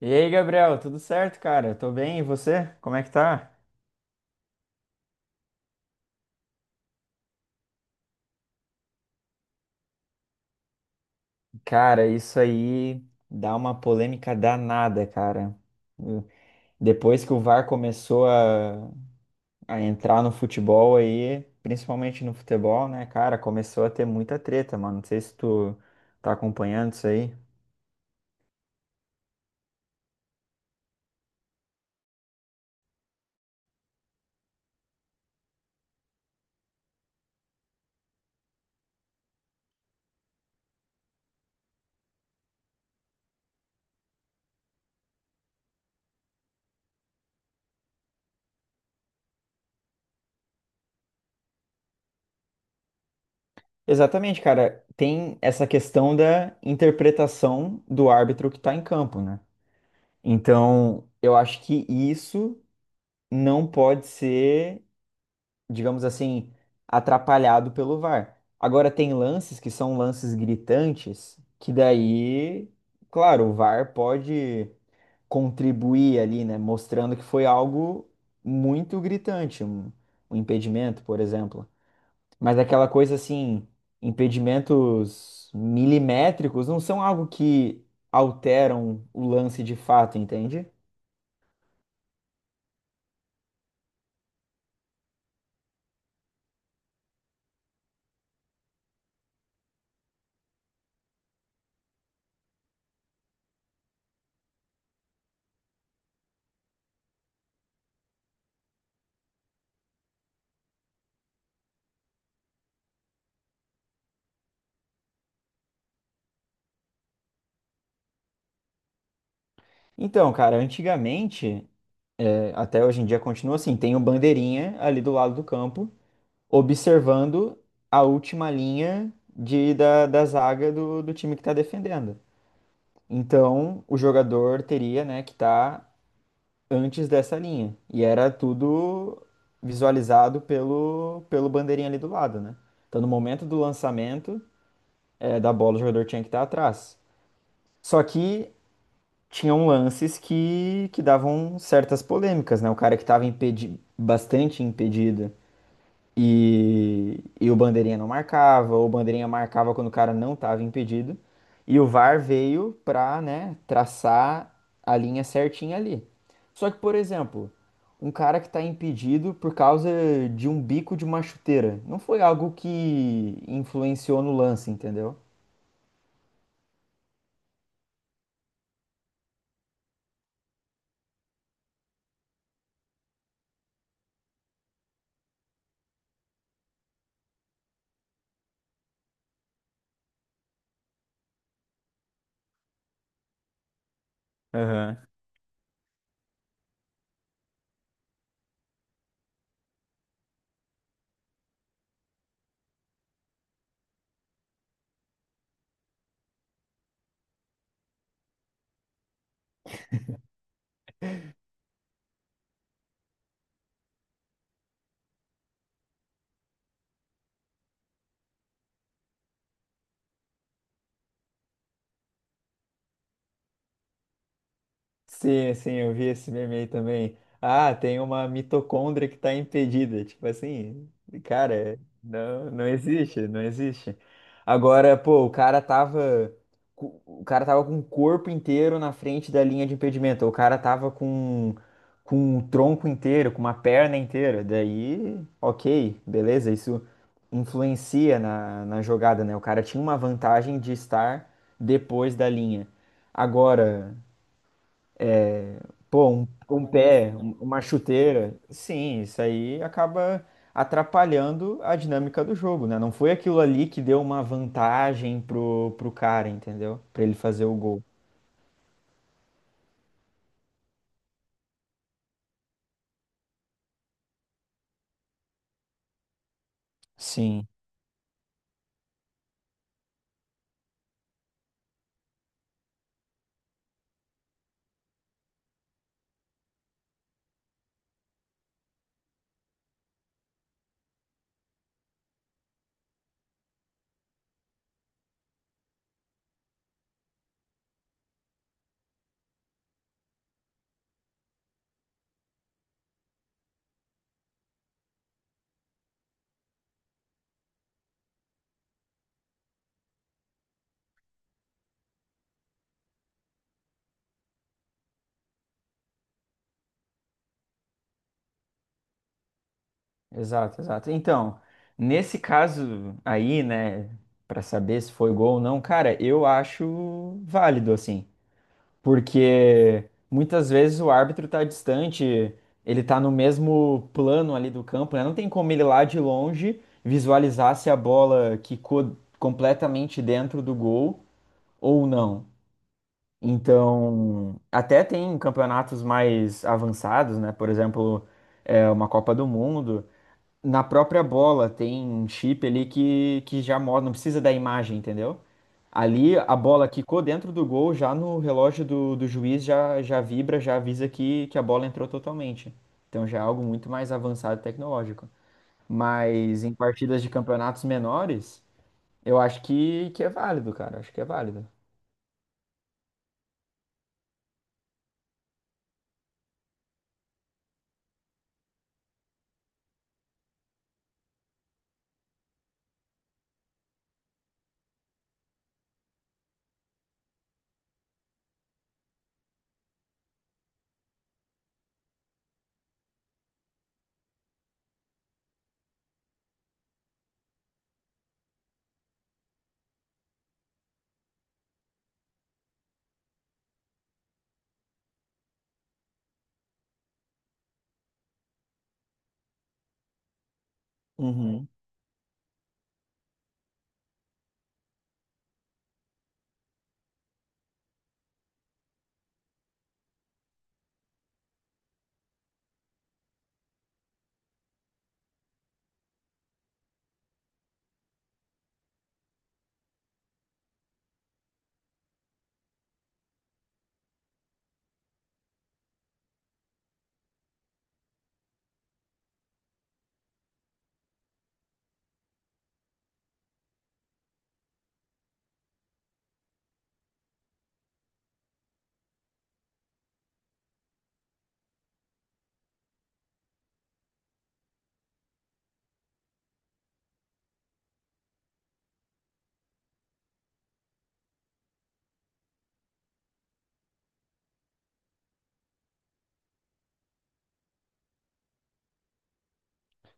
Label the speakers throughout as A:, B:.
A: E aí, Gabriel, tudo certo, cara? Tô bem, e você? Como é que tá? Cara, isso aí dá uma polêmica danada, cara. Eu- Depois que o VAR começou a entrar no futebol aí, principalmente no futebol, né, cara, começou a ter muita treta, mano. Não sei se tu tá acompanhando isso aí. Exatamente, cara. Tem essa questão da interpretação do árbitro que tá em campo, né? Então, eu acho que isso não pode ser, digamos assim, atrapalhado pelo VAR. Agora tem lances que são lances gritantes, que daí, claro, o VAR pode contribuir ali, né, mostrando que foi algo muito gritante, um impedimento, por exemplo. Mas aquela coisa assim, impedimentos milimétricos não são algo que alteram o lance de fato, entende? Então, cara, antigamente, até hoje em dia continua assim, tem o bandeirinha ali do lado do campo observando a última linha da zaga do time que está defendendo. Então, o jogador teria, né, que estar antes dessa linha. E era tudo visualizado pelo bandeirinha ali do lado, né? Então, no momento do lançamento, da bola, o jogador tinha que estar atrás. Só que tinham lances que davam certas polêmicas, né? O cara que estava impedi bastante impedido. E o bandeirinha não marcava, ou o bandeirinha marcava quando o cara não estava impedido. E o VAR veio pra, né, traçar a linha certinha ali. Só que, por exemplo, um cara que está impedido por causa de um bico de uma chuteira, não foi algo que influenciou no lance, entendeu? Sim, sim, eu vi esse meme aí também. Ah, tem uma mitocôndria que tá impedida. Tipo assim, cara, não, não existe, não existe. Agora, pô, o cara tava. O cara tava com o corpo inteiro na frente da linha de impedimento. O cara tava com o tronco inteiro, com uma perna inteira. Daí, ok, beleza, isso influencia na jogada, né? O cara tinha uma vantagem de estar depois da linha. Agora. Pô, um pé, uma chuteira. Sim, isso aí acaba atrapalhando a dinâmica do jogo, né? Não foi aquilo ali que deu uma vantagem pro cara, entendeu? Pra ele fazer o gol. Sim, exato, exato. Então, nesse caso aí, né, pra saber se foi gol ou não, cara, eu acho válido assim, porque muitas vezes o árbitro está distante, ele está no mesmo plano ali do campo, né? Não tem como ele lá de longe visualizar se a bola quicou completamente dentro do gol ou não. Então, até tem campeonatos mais avançados, né? Por exemplo, uma Copa do Mundo. Na própria bola tem um chip ali que já mostra, não precisa da imagem, entendeu? Ali a bola quicou dentro do gol, já no relógio do juiz já vibra, já avisa que a bola entrou totalmente. Então já é algo muito mais avançado tecnológico. Mas em partidas de campeonatos menores, eu acho que é válido, cara. Acho que é válido. Uhum.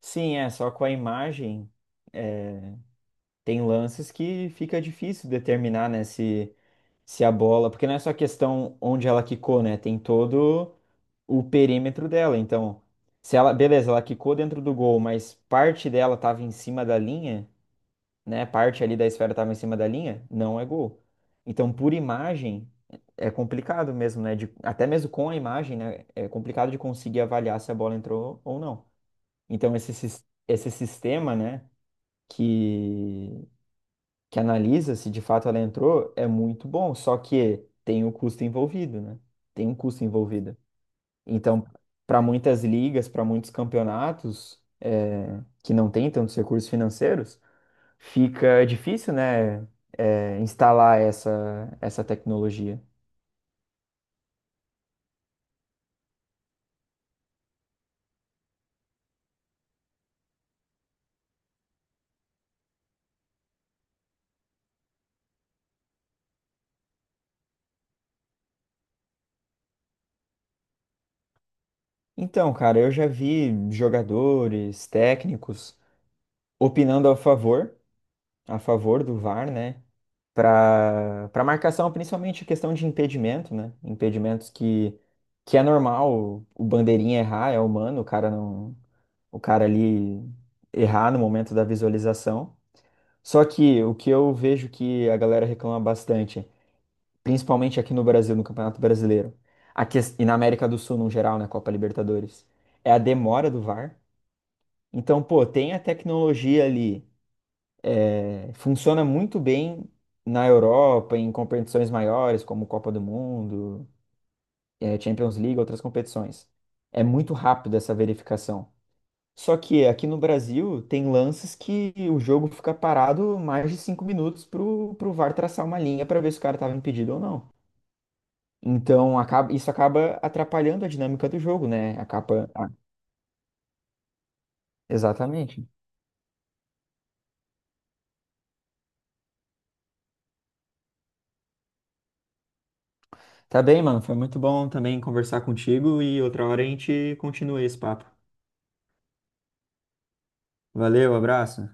A: Sim, é. Só com a imagem, é, tem lances que fica difícil determinar, né, se a bola, porque não é só a questão onde ela quicou, né? Tem todo o perímetro dela. Então, se ela, beleza, ela quicou dentro do gol, mas parte dela estava em cima da linha, né? Parte ali da esfera estava em cima da linha, não é gol. Então, por imagem, é complicado mesmo, né? Até mesmo com a imagem, né? É complicado de conseguir avaliar se a bola entrou ou não. Então, esse sistema, né? Que que analisa se de fato ela entrou, é muito bom, só que tem o custo envolvido, né? Tem um custo envolvido. Então, para muitas ligas, para muitos campeonatos, que não têm tantos recursos financeiros, fica difícil, né? Instalar essa tecnologia. Então, cara, eu já vi jogadores, técnicos opinando a favor do VAR, né? Para marcação, principalmente a questão de impedimento, né? Impedimentos que é normal o bandeirinha errar, é humano, o cara não, o cara ali errar no momento da visualização. Só que o que eu vejo que a galera reclama bastante, principalmente aqui no Brasil, no Campeonato Brasileiro, e na América do Sul no geral, na Copa Libertadores, é a demora do VAR. Então, pô, tem a tecnologia ali. Funciona muito bem na Europa, em competições maiores, como Copa do Mundo, Champions League, outras competições. É muito rápido essa verificação. Só que aqui no Brasil tem lances que o jogo fica parado mais de 5 minutos para o VAR traçar uma linha para ver se o cara estava impedido ou não. Então isso acaba atrapalhando a dinâmica do jogo, né? Acaba. Ah, exatamente. Tá bem, mano. Foi muito bom também conversar contigo e outra hora a gente continua esse papo. Valeu, abraço.